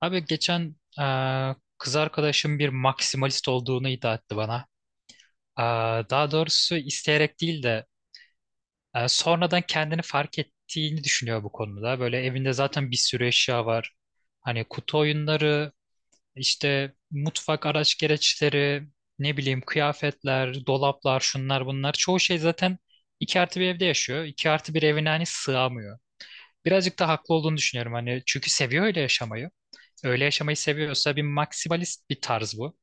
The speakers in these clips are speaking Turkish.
Abi geçen kız arkadaşım bir maksimalist olduğunu iddia etti bana. Eee, daha doğrusu isteyerek değil de sonradan kendini fark ettiğini düşünüyor bu konuda. Böyle evinde zaten bir sürü eşya var. Hani kutu oyunları, işte mutfak araç gereçleri, ne bileyim kıyafetler, dolaplar, şunlar bunlar. Çoğu şey zaten 2 artı bir evde yaşıyor. 2 artı bir evine hani sığamıyor. Birazcık da haklı olduğunu düşünüyorum. Hani çünkü seviyor öyle yaşamayı. Öyle yaşamayı seviyorsa bir maksimalist bir tarz bu.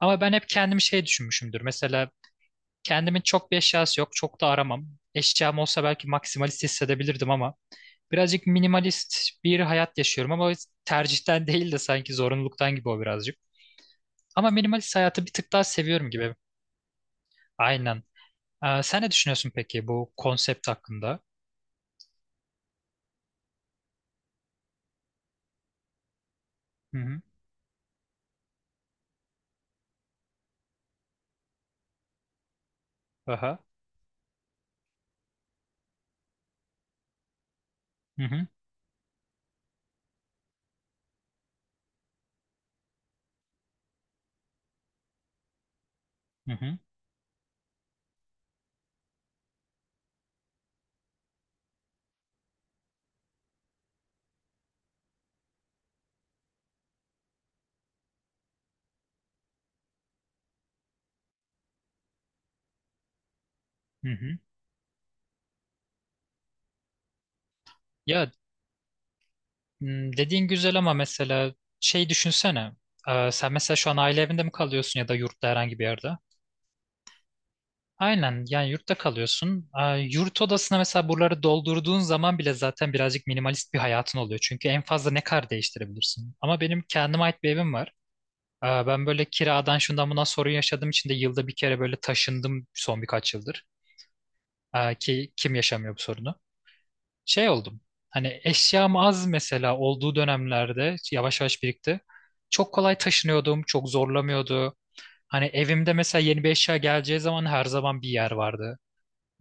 Ama ben hep kendimi şey düşünmüşümdür. Mesela kendimin çok bir eşyası yok. Çok da aramam. Eşyam olsa belki maksimalist hissedebilirdim ama birazcık minimalist bir hayat yaşıyorum ama tercihten değil de sanki zorunluluktan gibi o birazcık. Ama minimalist hayatı bir tık daha seviyorum gibi. Aynen. Sen ne düşünüyorsun peki bu konsept hakkında? Hı hı. Aha. Hı hı. Hı hı. Hı hı. Ya, dediğin güzel ama mesela şey düşünsene. Sen mesela şu an aile evinde mi kalıyorsun ya da yurtta herhangi bir yerde? Aynen yani yurtta kalıyorsun. Yurt odasına mesela buraları doldurduğun zaman bile zaten birazcık minimalist bir hayatın oluyor. Çünkü en fazla ne kadar değiştirebilirsin? Ama benim kendime ait bir evim var. Ben böyle kiradan şundan buna sorun yaşadığım için de yılda bir kere böyle taşındım son birkaç yıldır. Ki kim yaşamıyor bu sorunu? Şey oldum. Hani eşyam az mesela olduğu dönemlerde yavaş yavaş birikti. Çok kolay taşınıyordum, çok zorlamıyordu. Hani evimde mesela yeni bir eşya geleceği zaman her zaman bir yer vardı.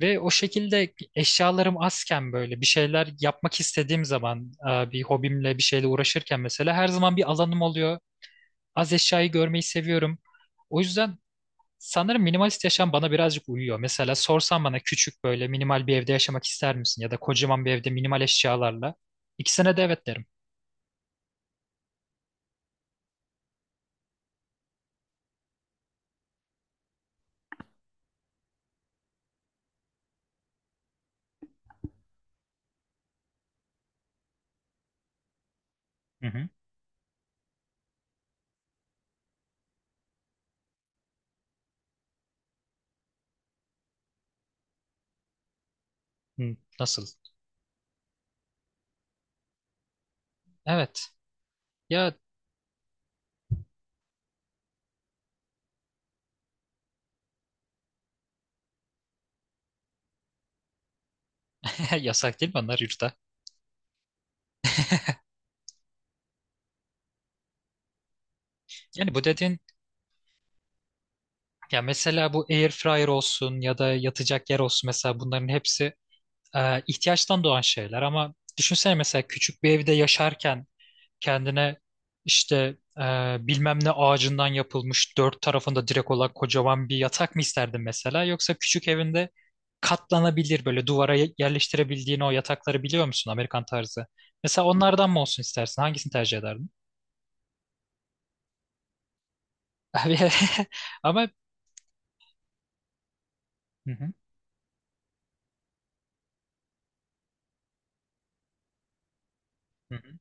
Ve o şekilde eşyalarım azken böyle bir şeyler yapmak istediğim zaman bir hobimle bir şeyle uğraşırken mesela her zaman bir alanım oluyor. Az eşyayı görmeyi seviyorum. O yüzden sanırım minimalist yaşam bana birazcık uyuyor. Mesela sorsan bana küçük böyle minimal bir evde yaşamak ister misin? Ya da kocaman bir evde minimal eşyalarla. İkisine de evet derim. Hı hı. Hı, nasıl? Evet. Ya, yasak değil mi onlar yurtta? Yani bu dediğin ya mesela bu air fryer olsun ya da yatacak yer olsun mesela bunların hepsi ihtiyaçtan doğan şeyler ama düşünsene mesela küçük bir evde yaşarken kendine işte e, bilmem ne ağacından yapılmış dört tarafında direk olan kocaman bir yatak mı isterdin mesela yoksa küçük evinde katlanabilir böyle duvara yerleştirebildiğin o yatakları biliyor musun Amerikan tarzı? Mesela onlardan mı olsun istersin? Hangisini tercih ederdin? Abi, ama hı hı, hı hı,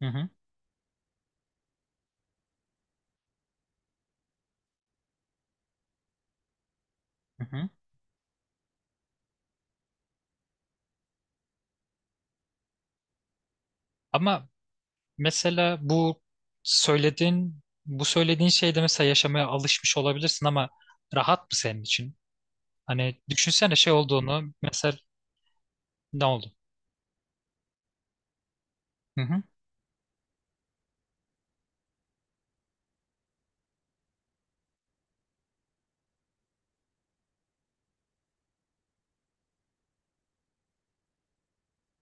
hı hı, hı hı. Ama mesela bu söylediğin şeyde mesela yaşamaya alışmış olabilirsin ama rahat mı senin için? Hani düşünsene şey olduğunu mesela. Ne oldu? Hı hı.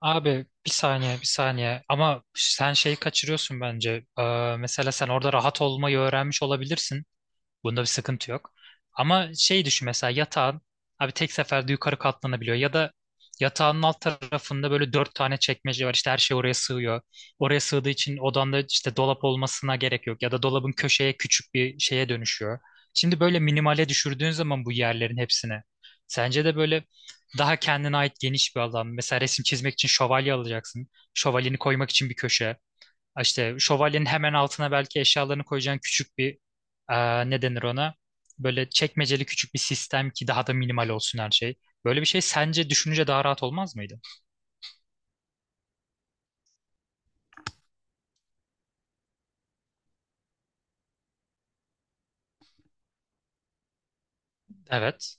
Abi, bir saniye bir saniye ama sen şeyi kaçırıyorsun bence. Mesela sen orada rahat olmayı öğrenmiş olabilirsin. Bunda bir sıkıntı yok. Ama şey düşün mesela yatağın abi tek seferde yukarı katlanabiliyor ya da yatağın alt tarafında böyle dört tane çekmece var işte her şey oraya sığıyor. Oraya sığdığı için odanda işte dolap olmasına gerek yok ya da dolabın köşeye küçük bir şeye dönüşüyor. Şimdi böyle minimale düşürdüğün zaman bu yerlerin hepsine sence de böyle daha kendine ait geniş bir alan. Mesela resim çizmek için şövalye alacaksın. Şövalyeni koymak için bir köşe. İşte şövalyenin hemen altına belki eşyalarını koyacağın küçük bir ne denir ona? Böyle çekmeceli küçük bir sistem ki daha da minimal olsun her şey. Böyle bir şey sence düşününce daha rahat olmaz mıydı? Evet.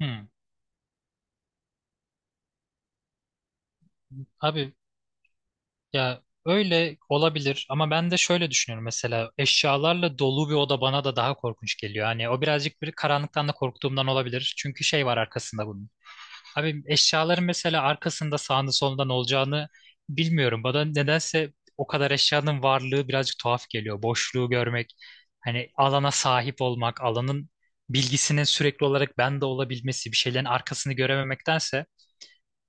Hmm. Abi, ya öyle olabilir ama ben de şöyle düşünüyorum mesela eşyalarla dolu bir oda bana da daha korkunç geliyor. Hani o birazcık bir karanlıktan da korktuğumdan olabilir. Çünkü şey var arkasında bunun. Abi, eşyaların mesela arkasında sağında solunda ne olacağını bilmiyorum. Bana nedense o kadar eşyanın varlığı birazcık tuhaf geliyor. Boşluğu görmek, hani alana sahip olmak, alanın bilgisinin sürekli olarak bende olabilmesi, bir şeylerin arkasını görememektense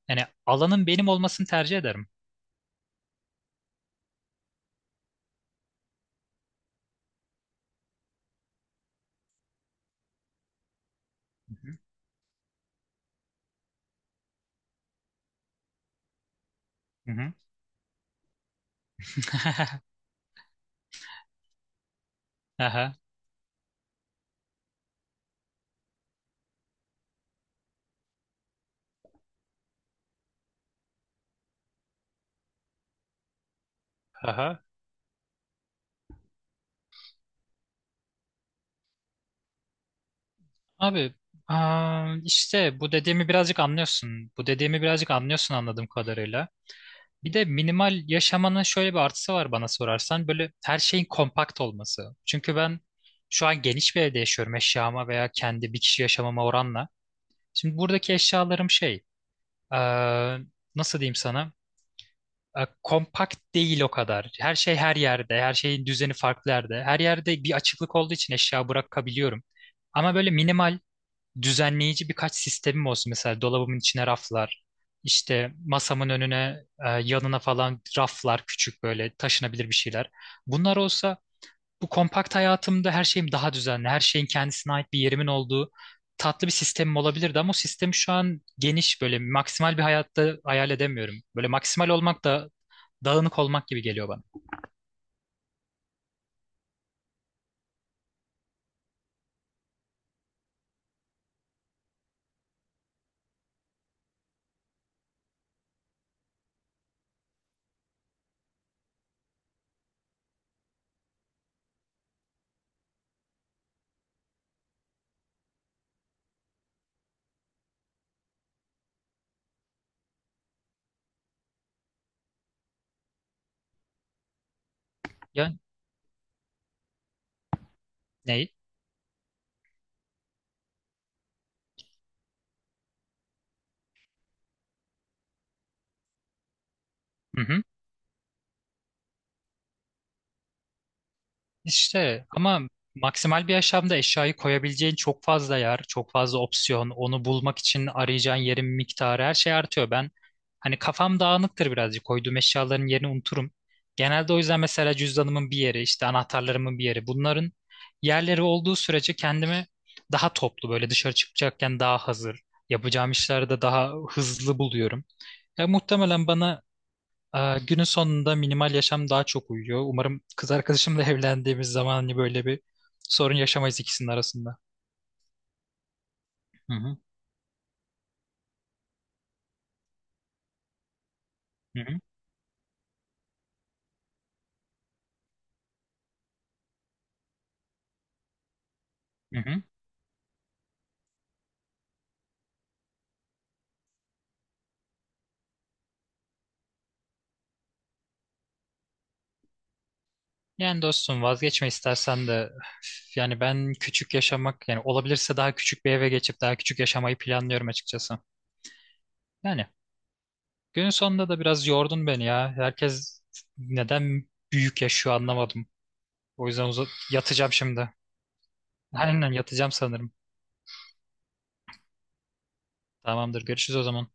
yani alanın benim olmasını tercih ederim. Hı hı. Hı hı. Aha. Aha. Abi, işte bu dediğimi birazcık anlıyorsun. Bu dediğimi birazcık anlıyorsun anladığım kadarıyla. Bir de minimal yaşamanın şöyle bir artısı var bana sorarsan. Böyle her şeyin kompakt olması. Çünkü ben şu an geniş bir evde yaşıyorum eşyama veya kendi bir kişi yaşamama oranla. Şimdi buradaki eşyalarım şey, aa, nasıl diyeyim sana? Kompakt değil o kadar. Her şey her yerde. Her şeyin düzeni farklı yerde. Her yerde bir açıklık olduğu için eşya bırakabiliyorum. Ama böyle minimal düzenleyici birkaç sistemim olsun. Mesela dolabımın içine raflar, işte masamın önüne, yanına falan raflar, küçük böyle taşınabilir bir şeyler. Bunlar olsa bu kompakt hayatımda her şeyim daha düzenli, her şeyin kendisine ait bir yerimin olduğu tatlı bir sistemim olabilirdi ama o sistemi şu an geniş böyle maksimal bir hayatta hayal edemiyorum. Böyle maksimal olmak da dağınık olmak gibi geliyor bana. Ya, ne? İşte ama maksimal bir yaşamda eşyayı koyabileceğin çok fazla yer, çok fazla opsiyon, onu bulmak için arayacağın yerin miktarı her şey artıyor. Ben hani kafam dağınıktır birazcık koyduğum eşyaların yerini unuturum. Genelde o yüzden mesela cüzdanımın bir yeri, işte anahtarlarımın bir yeri bunların yerleri olduğu sürece kendimi daha toplu böyle dışarı çıkacakken daha hazır, yapacağım işlerde daha hızlı buluyorum. Ya muhtemelen bana günün sonunda minimal yaşam daha çok uyuyor. Umarım kız arkadaşımla evlendiğimiz zaman hani böyle bir sorun yaşamayız ikisinin arasında. Hı hı, hı hı, hı hı. Yani dostum vazgeçme istersen de üf, yani ben küçük yaşamak yani olabilirse daha küçük bir eve geçip daha küçük yaşamayı planlıyorum açıkçası. Yani günün sonunda da biraz yordun beni ya. Herkes neden büyük yaşıyor anlamadım. O yüzden yatacağım şimdi. Aynen yatacağım sanırım. Tamamdır görüşürüz o zaman.